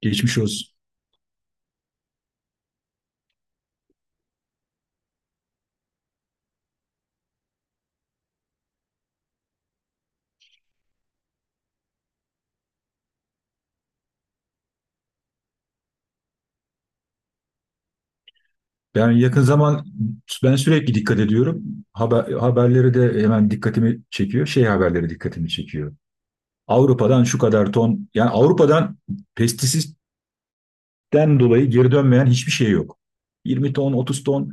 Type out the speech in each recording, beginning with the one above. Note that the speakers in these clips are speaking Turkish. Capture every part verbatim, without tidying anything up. Geçmiş olsun. Ben yakın zaman ben sürekli dikkat ediyorum. Haber, haberleri de hemen dikkatimi çekiyor. Şey haberleri dikkatimi çekiyor. Avrupa'dan şu kadar ton yani Avrupa'dan pestisitten dolayı geri dönmeyen hiçbir şey yok. yirmi ton, otuz ton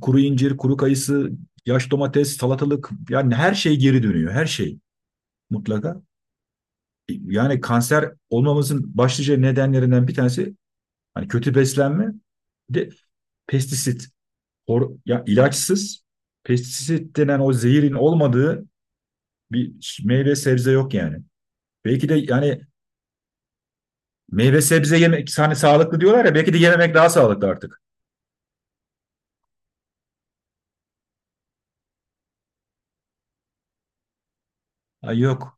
kuru incir, kuru kayısı, yaş domates, salatalık yani her şey geri dönüyor. Her şey mutlaka. Yani kanser olmamızın başlıca nedenlerinden bir tanesi hani kötü beslenme, bir de pestisit. Hor- ya ilaçsız pestisit denen o zehirin olmadığı bir meyve sebze yok yani. Belki de yani meyve sebze yemek hani sağlıklı diyorlar ya belki de yememek daha sağlıklı artık. Ay yok.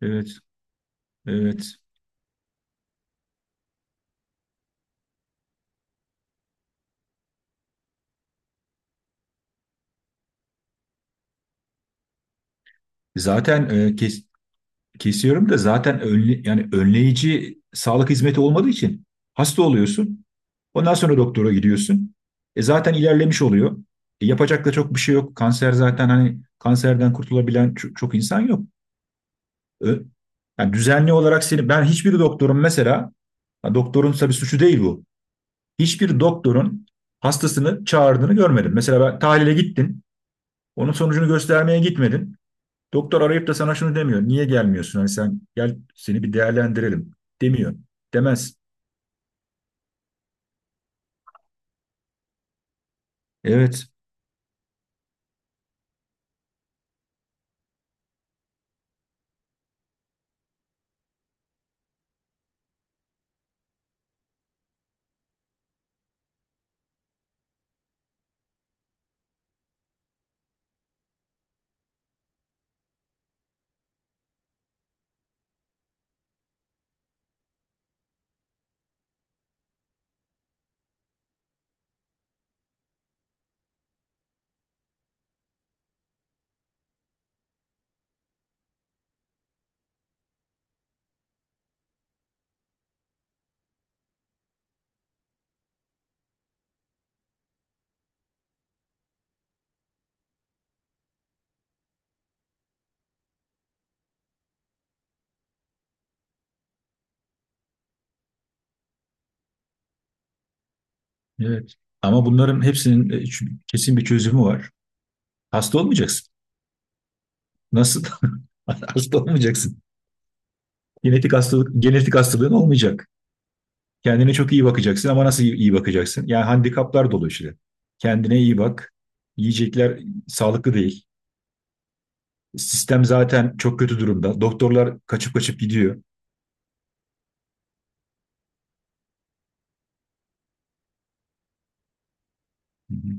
Evet. Evet. Zaten e, kes- kesiyorum da zaten önle, yani önleyici sağlık hizmeti olmadığı için hasta oluyorsun. Ondan sonra doktora gidiyorsun. E zaten ilerlemiş oluyor. E yapacak da çok bir şey yok. Kanser zaten hani kanserden kurtulabilen ço- çok insan yok. Yani düzenli olarak seni ben hiçbir doktorun mesela doktorun tabii suçu değil bu. Hiçbir doktorun hastasını çağırdığını görmedim. Mesela ben tahlile gittin. Onun sonucunu göstermeye gitmedin. Doktor arayıp da sana şunu demiyor. Niye gelmiyorsun? Hani sen gel seni bir değerlendirelim demiyor. Demez. Evet. Evet. Ama bunların hepsinin e, ç- kesin bir çözümü var. Hasta olmayacaksın. Nasıl? Hasta olmayacaksın. Genetik hastalık, genetik hastalığın olmayacak. Kendine çok iyi bakacaksın ama nasıl iyi iyi bakacaksın? Yani handikaplar dolu işte. Kendine iyi bak. Yiyecekler sağlıklı değil. Sistem zaten çok kötü durumda. Doktorlar kaçıp kaçıp gidiyor. Hı hı.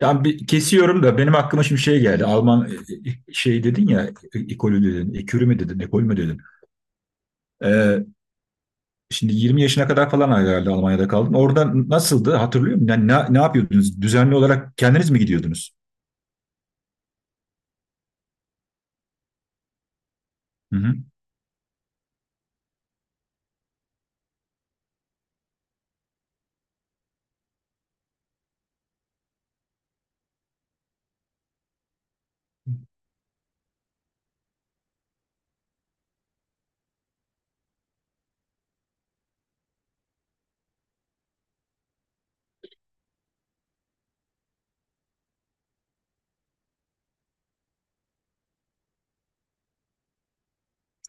Yani bir kesiyorum da benim aklıma şimdi şey geldi. Alman e, e, şey dedin ya, e- ekolü dedin, ekürü mü dedin, ekol mü dedin? Ee, Şimdi yirmi yaşına kadar falan herhalde Almanya'da kaldın. Orada nasıldı hatırlıyor musun? Yani ne, ne yapıyordunuz? Düzenli olarak kendiniz mi gidiyordunuz? Hı hı.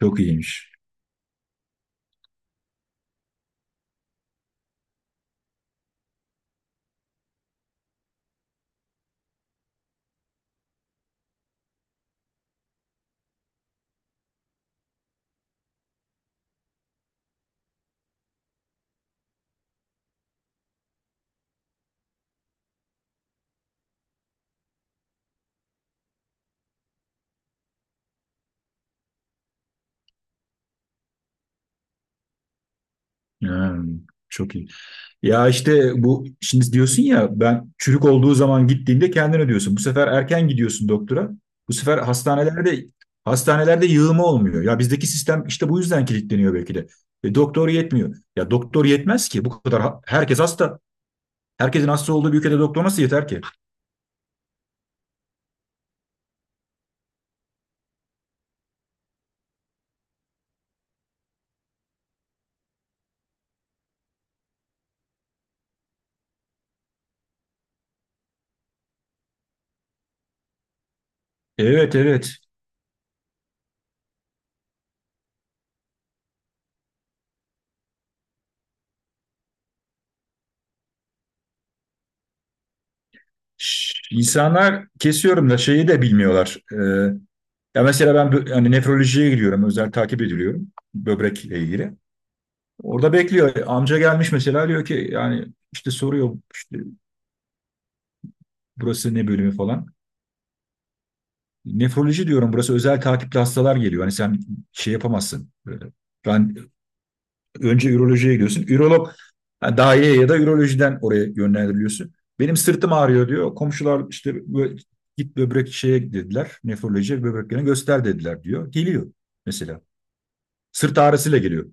Çok iyiymiş. Ha, çok iyi. Ya işte bu şimdi diyorsun ya ben çürük olduğu zaman gittiğinde kendin ödüyorsun. Bu sefer erken gidiyorsun doktora. Bu sefer hastanelerde hastanelerde yığılma olmuyor. Ya bizdeki sistem işte bu yüzden kilitleniyor belki de. E, doktor yetmiyor. Ya doktor yetmez ki. Bu kadar ha- herkes hasta. Herkesin hasta olduğu bir ülkede doktor nasıl yeter ki? Evet, evet. Şş, İnsanlar kesiyorum da şeyi de bilmiyorlar. Ee, ya mesela ben bö- hani nefrolojiye gidiyorum. Özel takip ediliyorum böbrekle ilgili. Orada bekliyor. Amca gelmiş mesela diyor ki yani işte soruyor işte burası ne bölümü falan. Nefroloji diyorum burası özel takipli hastalar geliyor. Hani sen şey yapamazsın. Böyle. Ben önce ürolojiye gidiyorsun. Ürolog yani daireye ya da ürolojiden oraya yönlendiriliyorsun. Benim sırtım ağrıyor diyor. Komşular işte bö- git böbrek şeye dediler. Nefrolojiye böbreklerini göster dediler diyor. Geliyor mesela. Sırt ağrısıyla geliyor.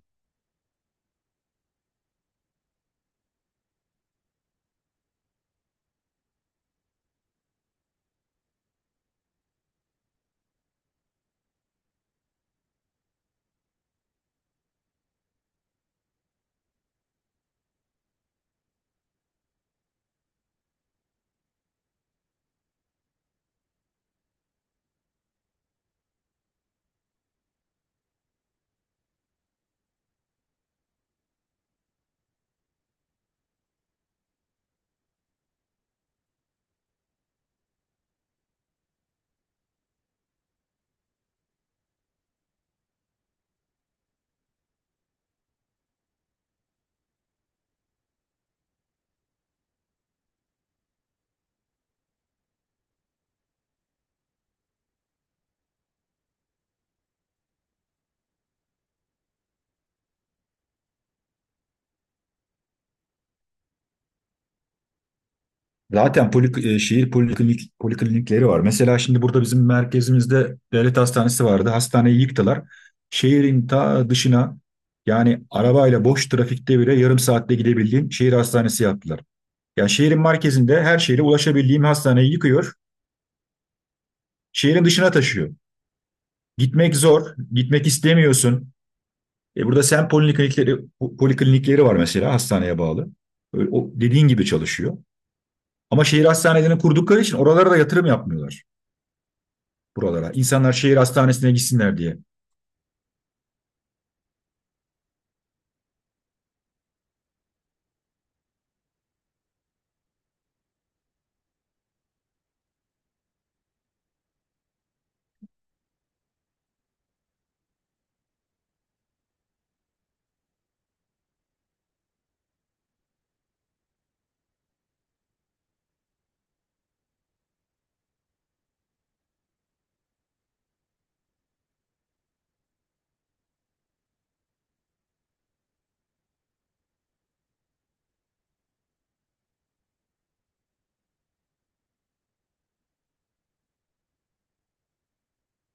Zaten polik, e, şehir poliklinik, poliklinikleri var. Mesela şimdi burada bizim merkezimizde devlet hastanesi vardı. Hastaneyi yıktılar. Şehrin ta dışına yani arabayla boş trafikte bile yarım saatte gidebildiğim şehir hastanesi yaptılar. Yani şehrin merkezinde her şehre ulaşabildiğim hastaneyi yıkıyor. Şehrin dışına taşıyor. Gitmek zor. Gitmek istemiyorsun. E burada sen poliklinikleri, poliklinikleri var mesela hastaneye bağlı. Öyle, o dediğin gibi çalışıyor. Ama şehir hastanelerini kurdukları için oralara da yatırım yapmıyorlar. Buralara. İnsanlar şehir hastanesine gitsinler diye.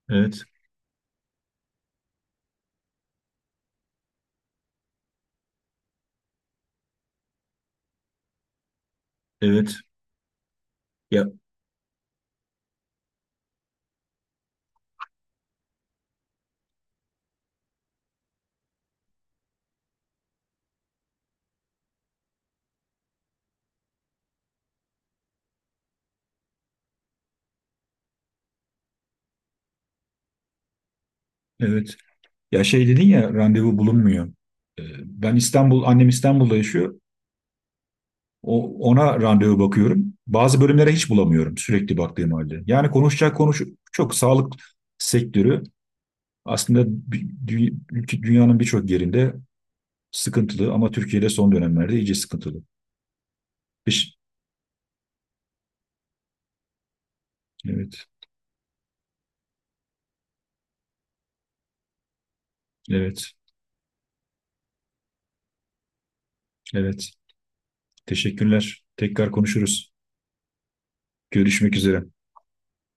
Evet, evet. Ya evet. Ya şey dedin ya randevu bulunmuyor. Ee, Ben İstanbul, annem İstanbul'da yaşıyor. O, ona randevu bakıyorum. Bazı bölümlere hiç bulamıyorum sürekli baktığım halde. Yani konuşacak konuş çok sağlık sektörü aslında dü- dü- ülke- dünyanın birçok yerinde sıkıntılı ama Türkiye'de son dönemlerde iyice sıkıntılı. Beş- Evet, evet, evet. Teşekkürler. Tekrar konuşuruz. Görüşmek üzere.